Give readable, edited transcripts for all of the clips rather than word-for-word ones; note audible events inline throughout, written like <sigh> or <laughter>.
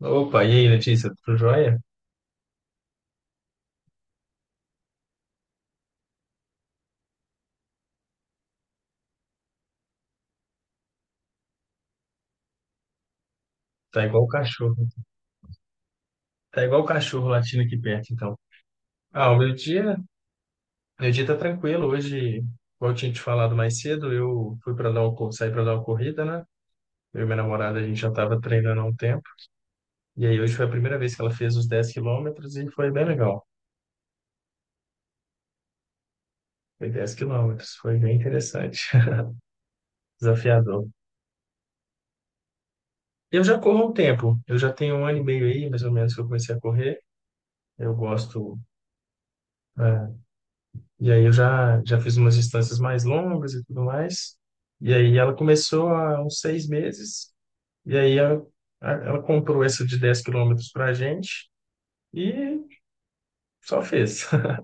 Opa, e aí, Letícia, tudo jóia? Tá igual o cachorro. Tá igual o cachorro latindo aqui perto, então. Ah, o meu dia, meu dia tá tranquilo. Hoje, como eu tinha te falado mais cedo, eu fui para dar um cor- saí para dar uma corrida, né? Eu e minha namorada, a gente já tava treinando há um tempo. E aí, hoje foi a primeira vez que ela fez os 10 km e foi bem legal. Foi 10 km, foi bem interessante, <laughs> desafiador. Eu já corro há um tempo. Eu já tenho um ano e meio aí, mais ou menos, que eu comecei a correr. Eu gosto. é, E aí eu já fiz umas distâncias mais longas e tudo mais. E aí ela começou há uns seis meses. E aí ela, ela comprou essa de 10 km pra gente e só fez. <laughs>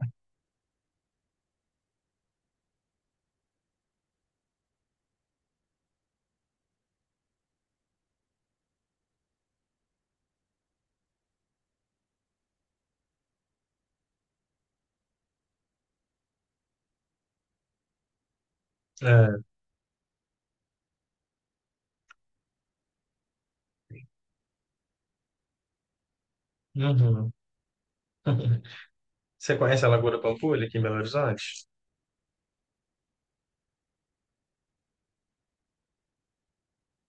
É, uhum. <laughs> Você conhece a Lagoa da Pampulha aqui em Belo Horizonte?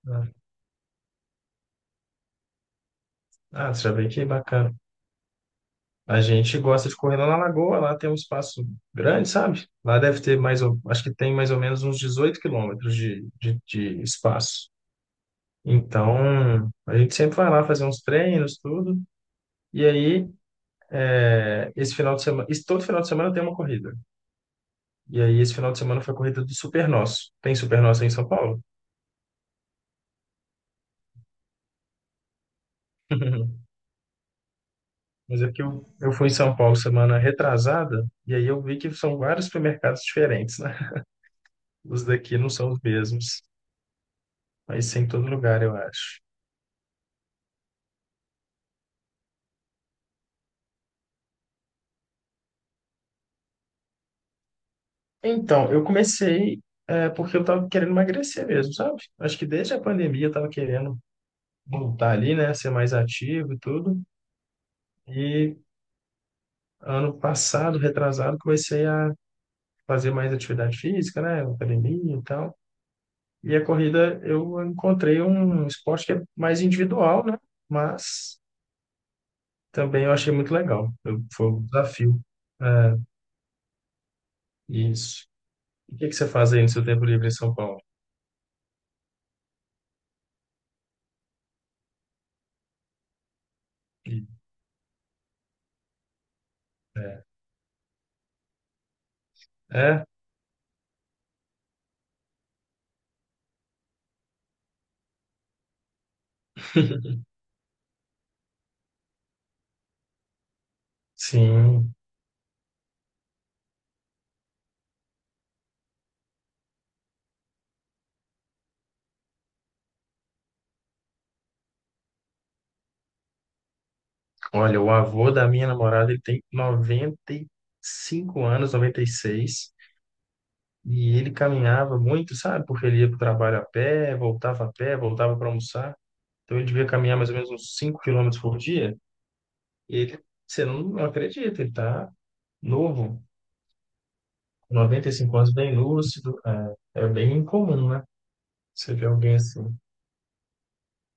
Ah, ah, você já veio aqui? Bacana. A gente gosta de correr lá na Lagoa, lá tem um espaço grande, sabe? Lá deve ter mais, acho que tem mais ou menos uns 18 km de espaço. Então, a gente sempre vai lá fazer uns treinos, tudo. E aí, esse final de semana, esse, todo final de semana tem uma corrida. E aí, esse final de semana foi a corrida do Super Nosso. Tem Super Nosso aí em São Paulo? <laughs> Mas é que eu fui em São Paulo semana retrasada, e aí eu vi que são vários supermercados diferentes, né? Os daqui não são os mesmos, mas tem em todo lugar, eu acho. Então, eu comecei porque eu tava querendo emagrecer mesmo, sabe? Acho que desde a pandemia eu tava querendo voltar ali, né? Ser mais ativo e tudo. E ano passado, retrasado, comecei a fazer mais atividade física, né? Academia e tal. E a corrida eu encontrei um esporte que é mais individual, né? Mas também eu achei muito legal. Foi um desafio. É, isso. E o que que você faz aí no seu tempo livre em São Paulo? E- É, é? <laughs> Sim. Olha, o avô da minha namorada, ele tem 95 anos, noventa e seis. E ele caminhava muito, sabe? Porque ele ia para o trabalho a pé, voltava para almoçar. Então ele devia caminhar mais ou menos uns 5 km por dia. E ele, você não, não acredita, ele tá novo, com 95 anos, bem lúcido. É, é bem incomum, né? Você vê alguém assim.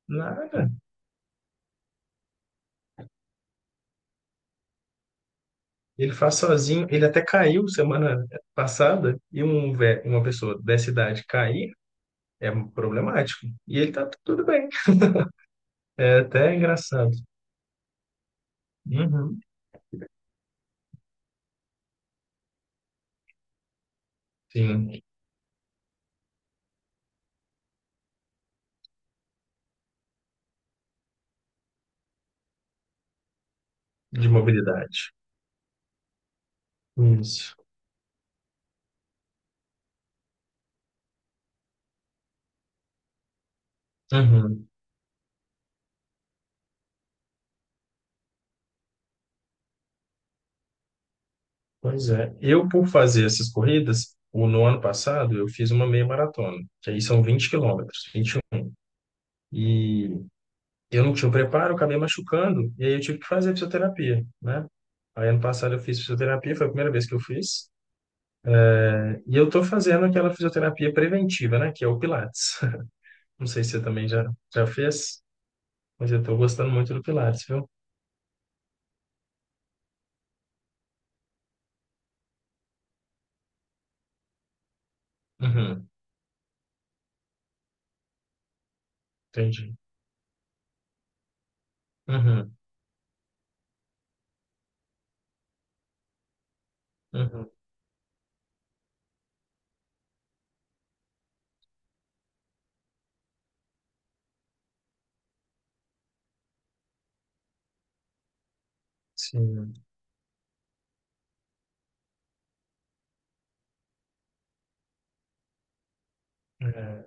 Nada. Ele faz sozinho. Ele até caiu semana passada. Uma pessoa dessa idade cair é problemático. E ele tá tudo bem. É até engraçado. Uhum. Sim, de mobilidade. Isso. Uhum. Pois é. Por fazer essas corridas, no ano passado, eu fiz uma meia maratona, que aí são 20 km, 21. E um. E eu não tinha o preparo, eu acabei machucando, e aí eu tive que fazer fisioterapia, né? Aí ano passado eu fiz fisioterapia, foi a primeira vez que eu fiz. E eu tô fazendo aquela fisioterapia preventiva, né? Que é o Pilates. <laughs> Não sei se você também já fez, mas eu tô gostando muito do Pilates, viu? Uhum, entendi. Uhum, uhum, sim. É,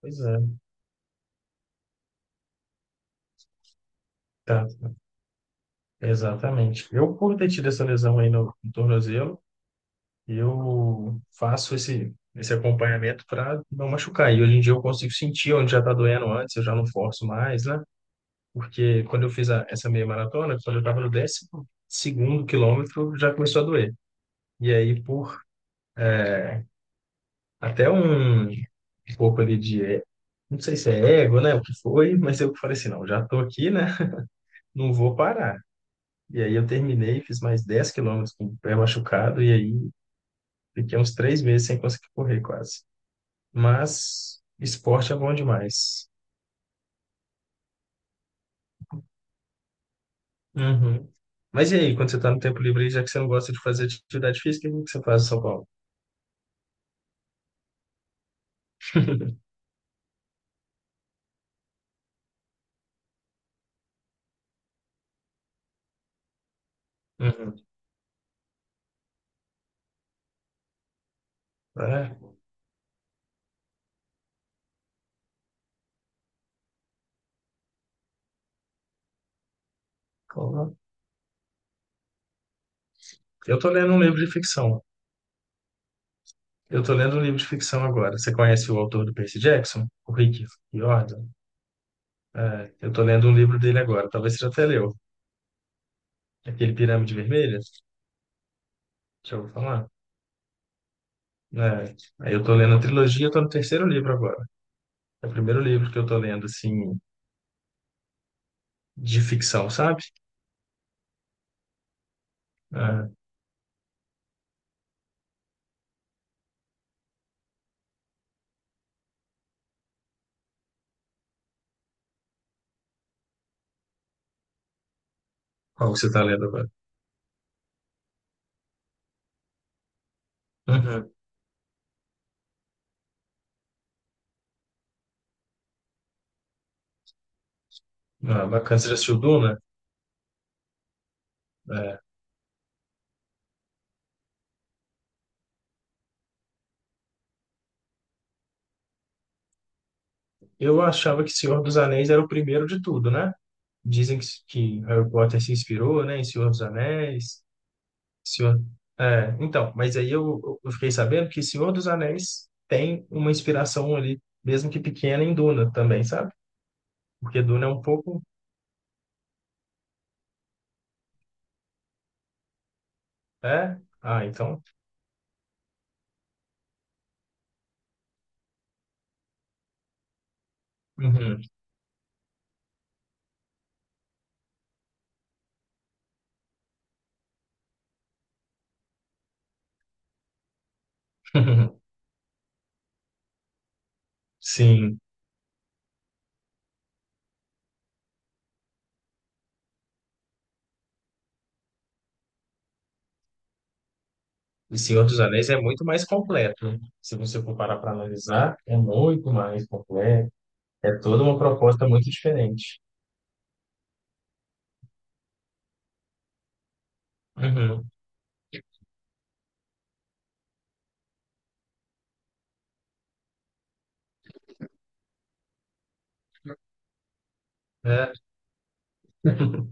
pois é, tá. Exatamente. Eu, por ter tido essa lesão aí no tornozelo, eu faço esse acompanhamento para não machucar. E hoje em dia eu consigo sentir onde já está doendo antes, eu já não forço mais, né? Porque quando eu fiz essa meia maratona, quando eu estava no décimo segundo quilômetro, já começou a doer. E aí, por até um um pouco ali de, é, não sei se é ego, né? O que foi, mas eu falei assim, não, já estou aqui, né? Não vou parar. E aí eu terminei, fiz mais 10 km com o pé machucado, e aí fiquei uns três meses sem conseguir correr quase. Mas esporte é bom demais. Uhum. Mas e aí, quando você está no tempo livre, aí, já que você não gosta de fazer atividade física, o que você faz em São Paulo? <laughs> Uhum. É, como? Eu tô lendo um livro de ficção. Eu tô lendo um livro de ficção agora. Você conhece o autor do Percy Jackson? O Rick Riordan? É, eu tô lendo um livro dele agora. Talvez você já até leu. Aquele Pirâmide Vermelha? Já ouviu falar? É, aí eu tô lendo a trilogia, eu tô no terceiro livro agora. É o primeiro livro que eu tô lendo, assim, de ficção, sabe? Ah, qual que você tá lendo agora? Uhum. Ah, bacana, você já assistiu Duna? É. Eu achava que Senhor dos Anéis era o primeiro de tudo, né? Dizem que Harry Potter se inspirou, né, em Senhor dos Anéis. Senhor... É, então, mas aí eu fiquei sabendo que Senhor dos Anéis tem uma inspiração ali, mesmo que pequena, em Duna também, sabe? Porque Duna é um pouco. É? Ah, então. Uhum. <laughs> Sim. E Senhor dos Anéis é muito mais completo, né? Se você for parar para analisar, é muito mais completo. É toda uma proposta muito diferente. Uhum. É. <laughs>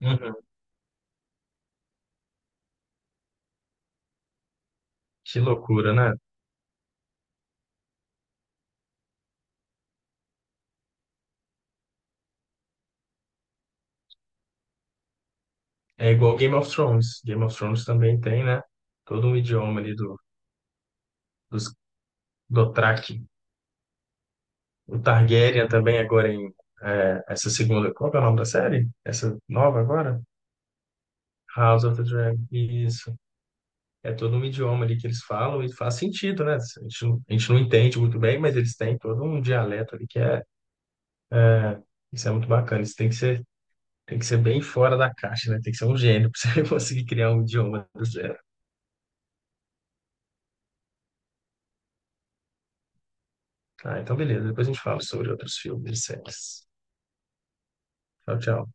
Uhum. Que loucura, né? É igual Game of Thrones. Game of Thrones também tem, né? Todo um idioma ali dos, do Thrak. O Targaryen também agora essa segunda. Qual que é o nome da série? Essa nova agora? House of the Dragon. Isso. É todo um idioma ali que eles falam e faz sentido, né? A gente, a gente não entende muito bem, mas eles têm todo um dialeto ali que é, isso é muito bacana. Tem que ser bem fora da caixa, né? Tem que ser um gênio <laughs> para você conseguir criar um idioma do zero. Ah, então beleza, depois a gente fala sobre outros filmes e séries. Tchau, tchau.